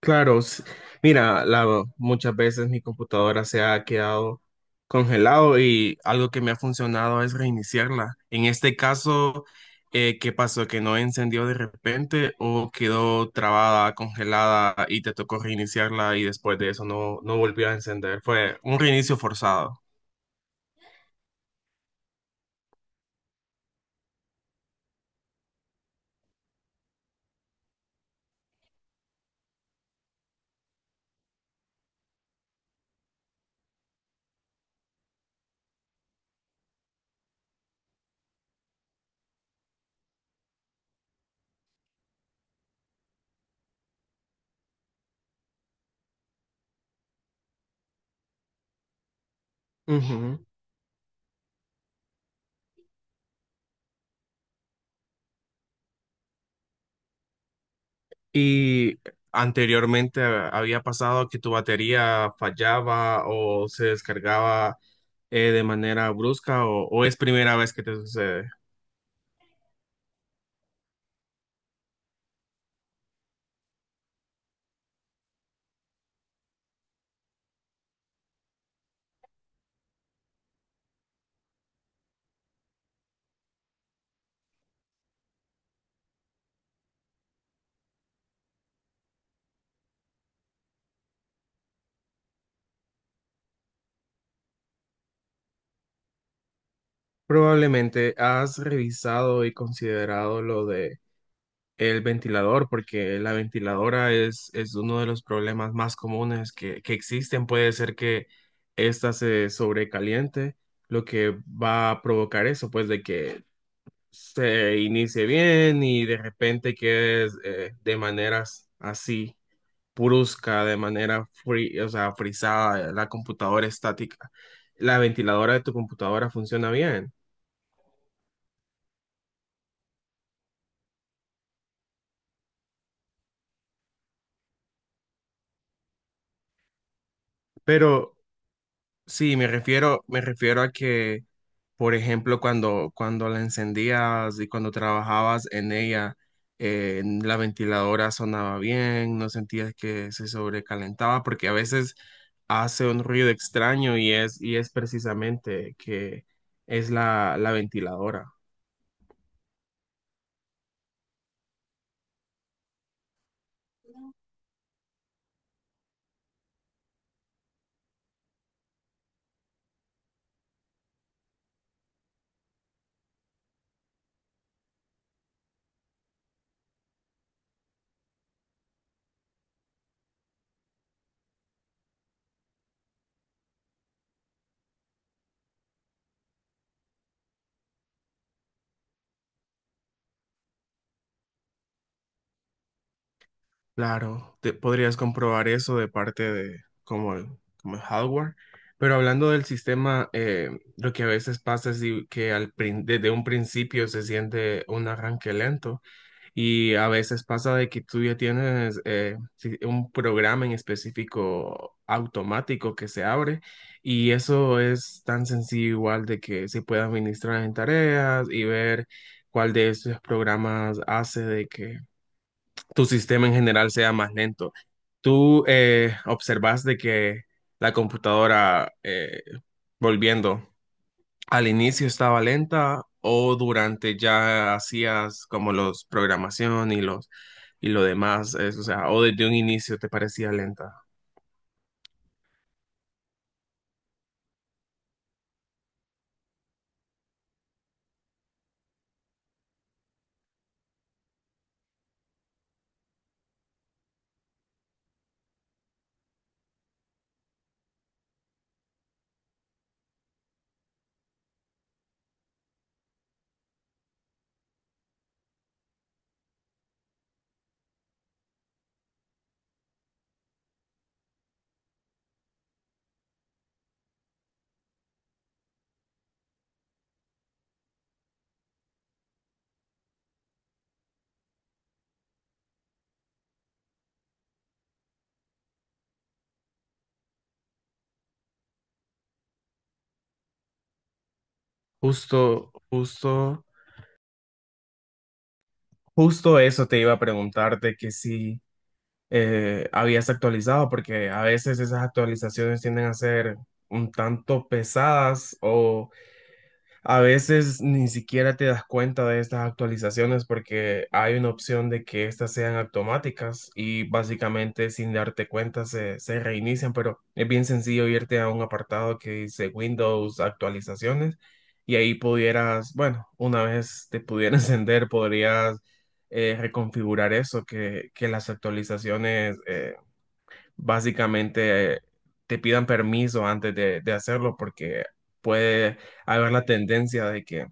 Claro, mira, muchas veces mi computadora se ha quedado congelado y algo que me ha funcionado es reiniciarla. En este caso, ¿qué pasó? ¿Que no encendió de repente o quedó trabada, congelada y te tocó reiniciarla y después de eso no volvió a encender? Fue un reinicio forzado. Ujú. Y anteriormente había pasado que tu batería fallaba o se descargaba de manera brusca o es primera vez que te sucede. Probablemente has revisado y considerado lo de el ventilador, porque la ventiladora es uno de los problemas más comunes que existen. Puede ser que ésta se sobrecaliente, lo que va a provocar eso, pues de que se inicie bien y de repente quedes de maneras así, brusca, de manera free, o sea, frisada, la computadora estática. ¿La ventiladora de tu computadora funciona bien? Pero sí, me refiero a que, por ejemplo, cuando la encendías y cuando trabajabas en ella, la ventiladora sonaba bien, no sentías que se sobrecalentaba, porque a veces hace un ruido extraño y es precisamente que es la ventiladora. Claro, podrías comprobar eso de parte de como el hardware, pero hablando del sistema, lo que a veces pasa es que desde un principio se siente un arranque lento y a veces pasa de que tú ya tienes un programa en específico automático que se abre y eso es tan sencillo igual de que se puede administrar en tareas y ver cuál de esos programas hace de que tu sistema en general sea más lento. Tú observas de que la computadora, volviendo, al inicio estaba lenta o durante ya hacías como los programación y lo demás, es, o sea, o desde un inicio te parecía lenta. Justo, justo, justo eso te iba a preguntarte que si habías actualizado, porque a veces esas actualizaciones tienden a ser un tanto pesadas o a veces ni siquiera te das cuenta de estas actualizaciones porque hay una opción de que estas sean automáticas y básicamente sin darte cuenta se reinician, pero es bien sencillo irte a un apartado que dice Windows actualizaciones y ahí pudieras, bueno, una vez te pudiera encender, podrías reconfigurar eso, que las actualizaciones básicamente te pidan permiso antes de hacerlo porque puede haber la tendencia de que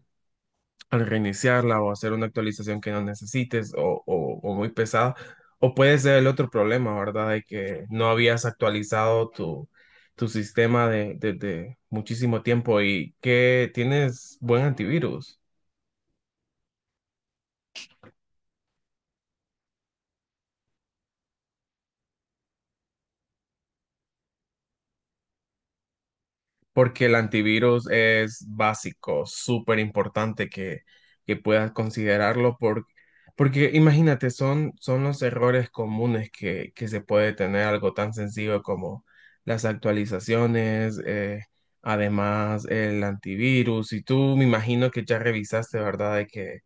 al reiniciarla o hacer una actualización que no necesites o muy pesada, o puede ser el otro problema, ¿verdad? De que no habías actualizado tu, tu sistema de muchísimo tiempo y que tienes buen antivirus. Porque el antivirus es básico, súper importante que puedas porque imagínate, son los errores comunes que se puede tener algo tan sencillo como las actualizaciones, además el antivirus. Y tú me imagino que ya revisaste, ¿verdad? De que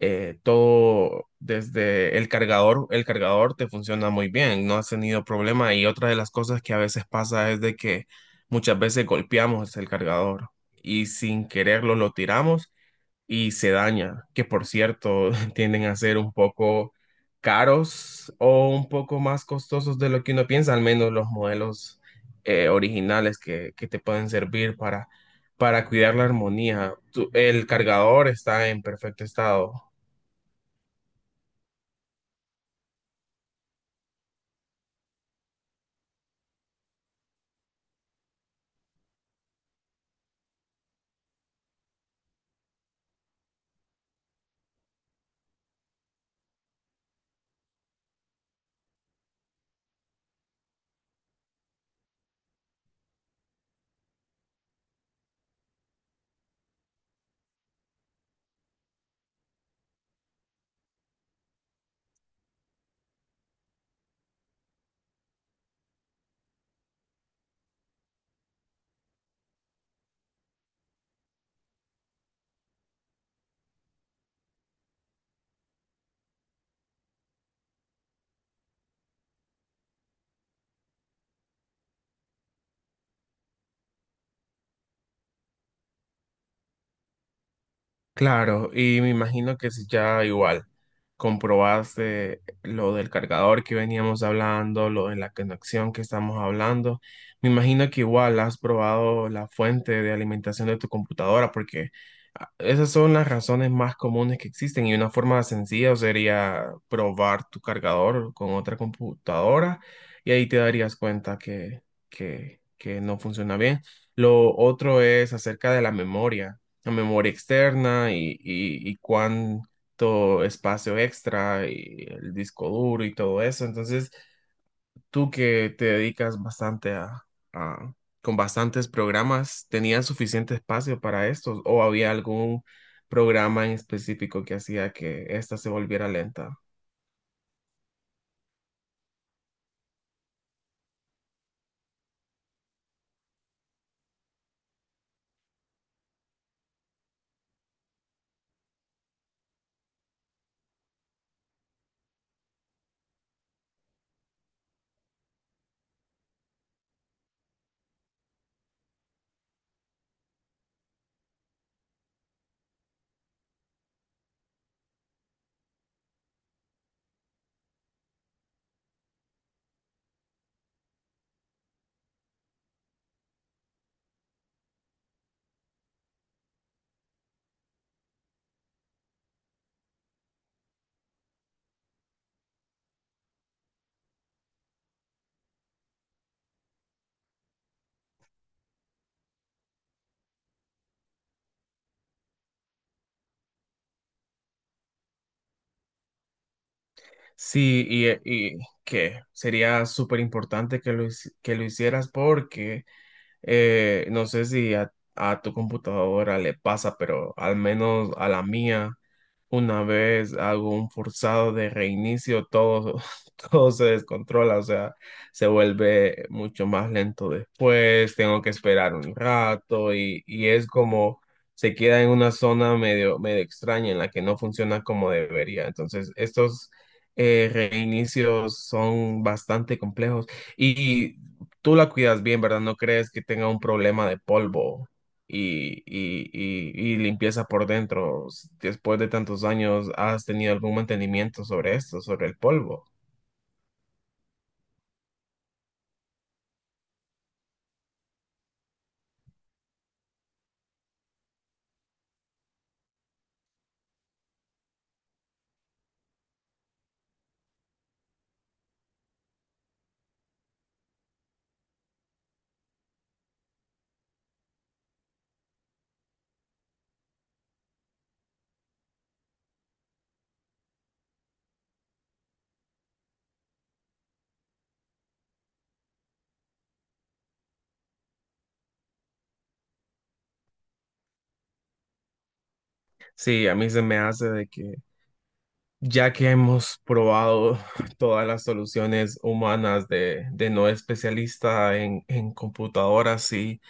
todo desde el cargador te funciona muy bien, no has tenido problema y otra de las cosas que a veces pasa es de que muchas veces golpeamos el cargador y sin quererlo lo tiramos y se daña, que por cierto tienden a ser un poco caros o un poco más costosos de lo que uno piensa, al menos los modelos originales que te pueden servir para cuidar la armonía. ¿El cargador está en perfecto estado? Claro, y me imagino que si ya igual comprobaste lo del cargador que veníamos hablando, lo de la conexión que estamos hablando, me imagino que igual has probado la fuente de alimentación de tu computadora, porque ah, esas son las razones más comunes que existen y una forma sencilla sería probar tu cargador con otra computadora y ahí te darías cuenta que no funciona bien. Lo otro es acerca de la memoria, la memoria externa y cuánto espacio extra y el disco duro y todo eso. Entonces, tú que te dedicas bastante a- con bastantes programas, ¿tenías suficiente espacio para estos o había algún programa en específico que hacía que esta se volviera lenta? Y que sería súper importante que que lo hicieras porque eh, no sé si a tu computadora le pasa, pero al menos a la mía, una vez hago un forzado de reinicio, todo, todo se descontrola, o sea, se vuelve mucho más lento después, tengo que esperar un rato y es como se queda en una zona medio, medio extraña en la que no funciona como debería. Entonces, estos reinicios son bastante complejos. Y tú la cuidas bien, ¿verdad? No crees que tenga un problema de polvo y limpieza por dentro. Después de tantos años, ¿has tenido algún mantenimiento sobre esto, sobre el polvo? Sí, a mí se me hace de que ya que hemos probado todas las soluciones humanas de no especialista en computadoras, sí,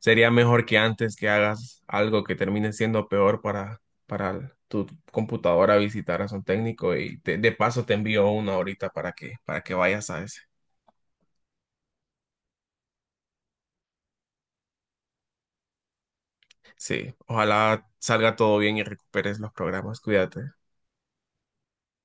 sería mejor que antes que hagas algo que termine siendo peor para tu computadora visitaras a un técnico y de paso te envío una ahorita para que vayas a ese. Sí, ojalá salga todo bien y recuperes los programas. Cuídate.